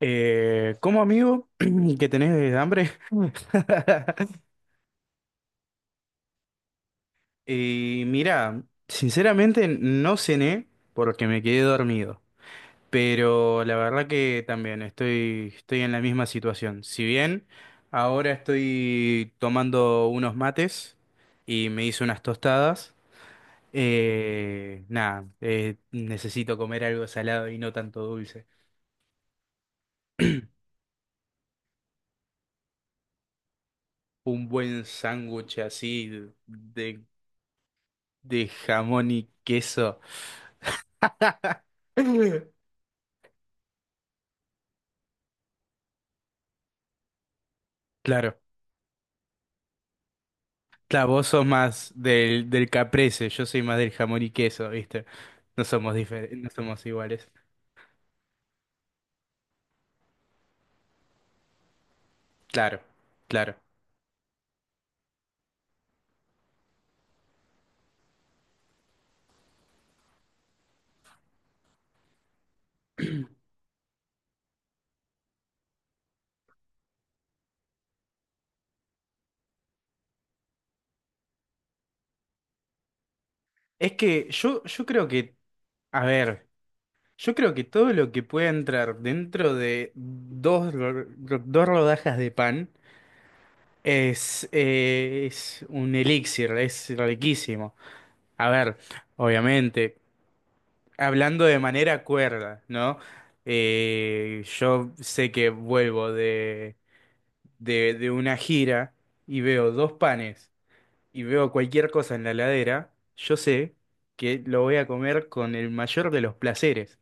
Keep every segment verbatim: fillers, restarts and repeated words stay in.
Eh, como amigo que tenés hambre. Y mira, sinceramente no cené porque me quedé dormido. Pero la verdad que también estoy, estoy en la misma situación. Si bien ahora estoy tomando unos mates y me hice unas tostadas, eh, nada, eh, necesito comer algo salado y no tanto dulce. Un buen sándwich así de, de jamón y queso. Claro, claro, vos sos más del, del caprese, yo soy más del jamón y queso, ¿viste? No somos diferentes, no somos iguales. Claro, claro. Es que yo, yo creo que, a ver, yo creo que todo lo que pueda entrar dentro de dos, ro- ro- dos rodajas de pan es, eh, es un elixir, es riquísimo. A ver, obviamente. Hablando de manera cuerda, ¿no? Eh, yo sé que vuelvo de, de, de una gira y veo dos panes y veo cualquier cosa en la heladera, yo sé que lo voy a comer con el mayor de los placeres.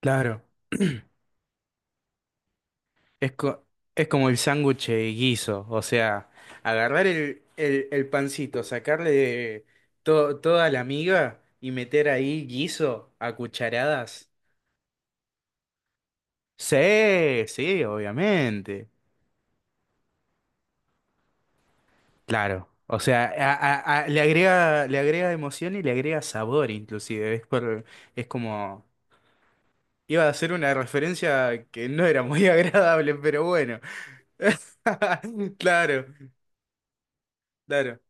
Claro. Es, co- es como el sándwich de guiso, o sea, agarrar el, el, el pancito, sacarle to- toda la miga y meter ahí guiso a cucharadas. Sí, sí, obviamente. Claro, o sea, a- a- a- le agrega, le agrega emoción y le agrega sabor inclusive. Es por, es como, iba a hacer una referencia que no era muy agradable, pero bueno. Claro, claro,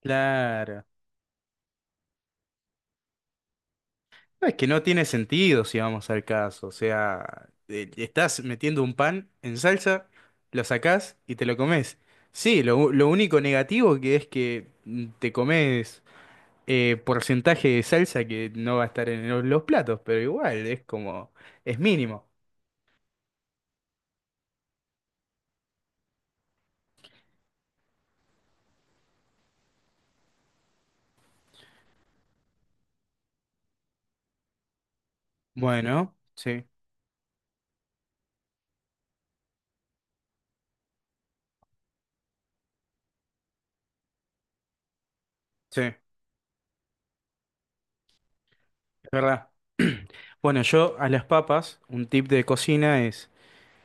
claro. No, es que no tiene sentido si vamos al caso. O sea, eh, estás metiendo un pan en salsa, lo sacás y te lo comes. Sí, lo, lo único negativo que es que mm, te comes eh, porcentaje de salsa que no va a estar en los, los platos, pero igual es como, es mínimo. Bueno, sí, sí, es verdad. Bueno, yo a las papas, un tip de cocina es,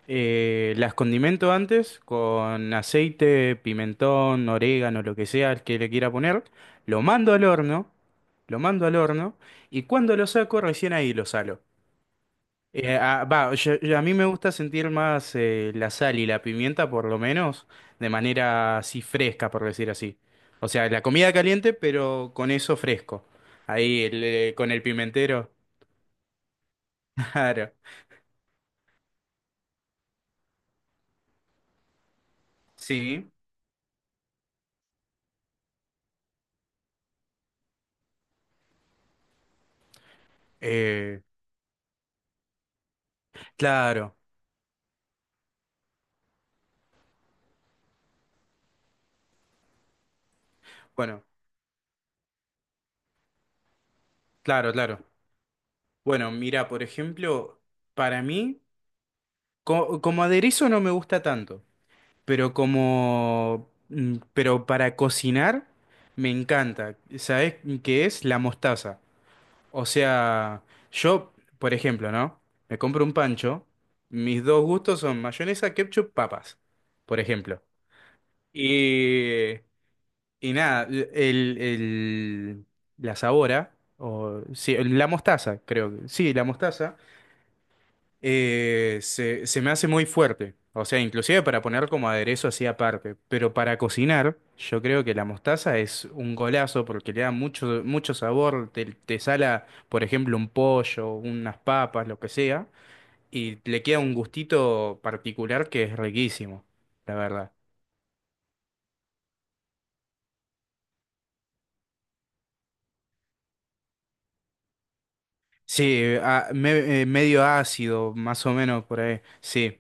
eh, las condimento antes con aceite, pimentón, orégano, lo que sea que le quiera poner, lo mando al horno, lo mando al horno y cuando lo saco recién ahí lo salo. Eh, ah, va, yo- yo- a mí me gusta sentir más eh, la sal y la pimienta, por lo menos, de manera así fresca, por decir así. O sea, la comida caliente, pero con eso fresco. Ahí, el, eh, con el pimentero. Claro. Sí. Eh, claro. Bueno, claro, claro. Bueno, mira, por ejemplo, para mí, co- como aderezo no me gusta tanto, pero como, mm, pero para cocinar me encanta. ¿Sabes qué es? La mostaza. O sea, yo, por ejemplo, ¿no? Me compro un pancho, mis dos gustos son mayonesa, ketchup, papas, por ejemplo. Y, y nada, el, el- la sabora, o sí, la mostaza, creo que. Sí, la mostaza eh, se, se me hace muy fuerte. O sea, inclusive para poner como aderezo así aparte. Pero para cocinar, yo creo que la mostaza es un golazo porque le da mucho, mucho sabor. Te, te sala, por ejemplo, un pollo, unas papas, lo que sea. Y le queda un gustito particular que es riquísimo, la verdad. Sí, a- me- eh, medio ácido, más o menos por ahí. Sí.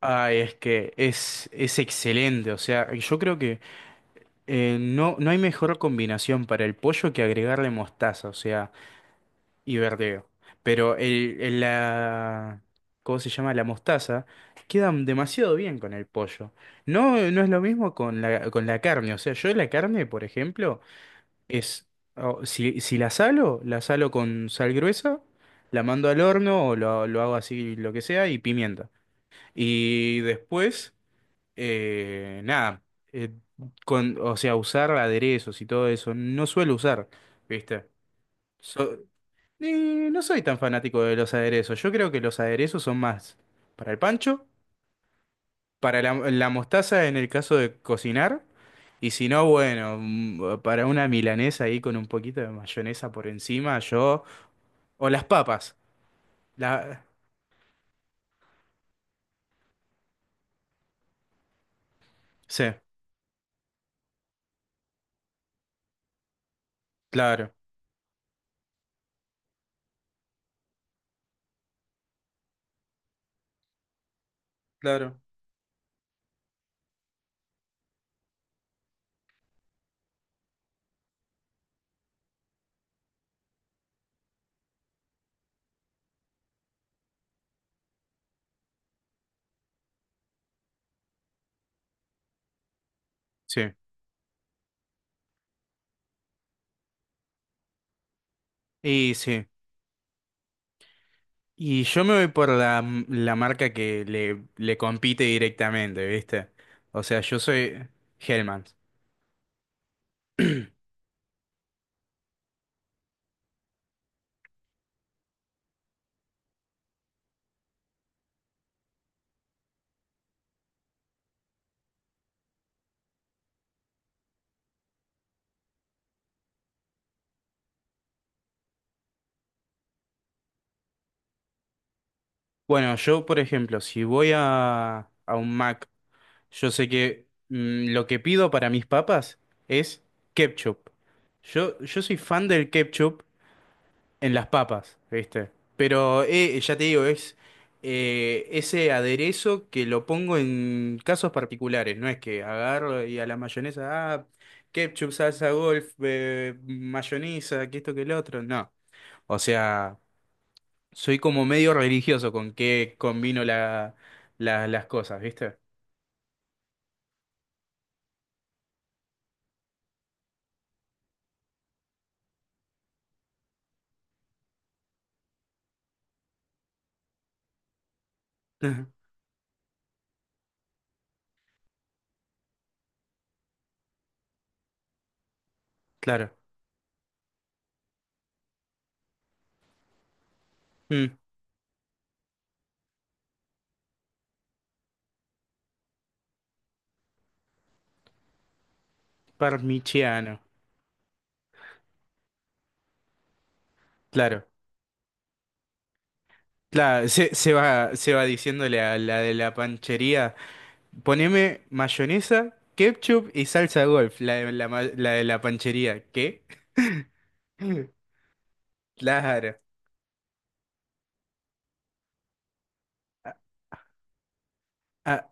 Ay, es que es, es excelente. O sea, yo creo que Eh, no, no hay mejor combinación para el pollo que agregarle mostaza, o sea, y verdeo. Pero el, el- la, ¿cómo se llama? La mostaza queda demasiado bien con el pollo. No, eh, no es lo mismo con la, con la carne. O sea, yo la carne, por ejemplo, es, o- si, si la salo, la salo con sal gruesa, la mando al horno o lo, lo hago así, lo que sea, y pimienta. Y después... Eh, nada, eh, con, o sea, usar aderezos y todo eso, no suelo usar, ¿viste? So- eh, no soy tan fanático de los aderezos, yo creo que los aderezos son más para el pancho, para la, la mostaza en el caso de cocinar, y si no, bueno, mm, para una milanesa ahí con un poquito de mayonesa por encima, yo, o las papas, la, sí, claro, claro, sí, y sí. Y yo me voy por la, la marca que le, le compite directamente, ¿viste? O sea, yo soy Hellmann's. Bueno, yo, por ejemplo, si voy a, a un Mac, yo sé que mm, lo que pido para mis papas es ketchup. Yo, yo soy fan del ketchup en las papas, ¿viste? Pero eh, ya te digo, es eh, ese aderezo que lo pongo en casos particulares, no es que agarro y a la mayonesa, ah, ketchup, salsa golf, eh, mayonesa, que esto que el otro, no. O sea, soy como medio religioso con qué combino la, la- las cosas, ¿viste? Ajá, claro. Mm, parmigiano, claro. Claro, se, se va, se va diciéndole a la de la panchería. Poneme mayonesa, ketchup y salsa golf, la de la, ma- la de la panchería. ¿Qué? Claro. Ah,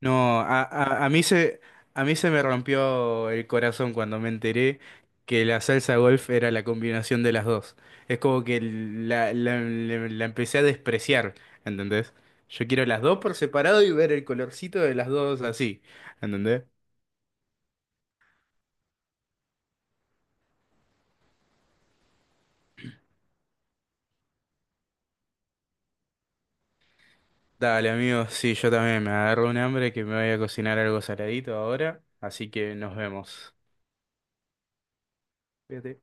no, a, a- a mí se, a mí se me rompió el corazón cuando me enteré que la salsa golf era la combinación de las dos. Es como que la, la- la- la empecé a despreciar, ¿entendés? Yo quiero las dos por separado y ver el colorcito de las dos así, ¿entendés? Dale, amigo, sí, yo también me agarro un hambre que me voy a cocinar algo saladito ahora, así que nos vemos. Cuídate.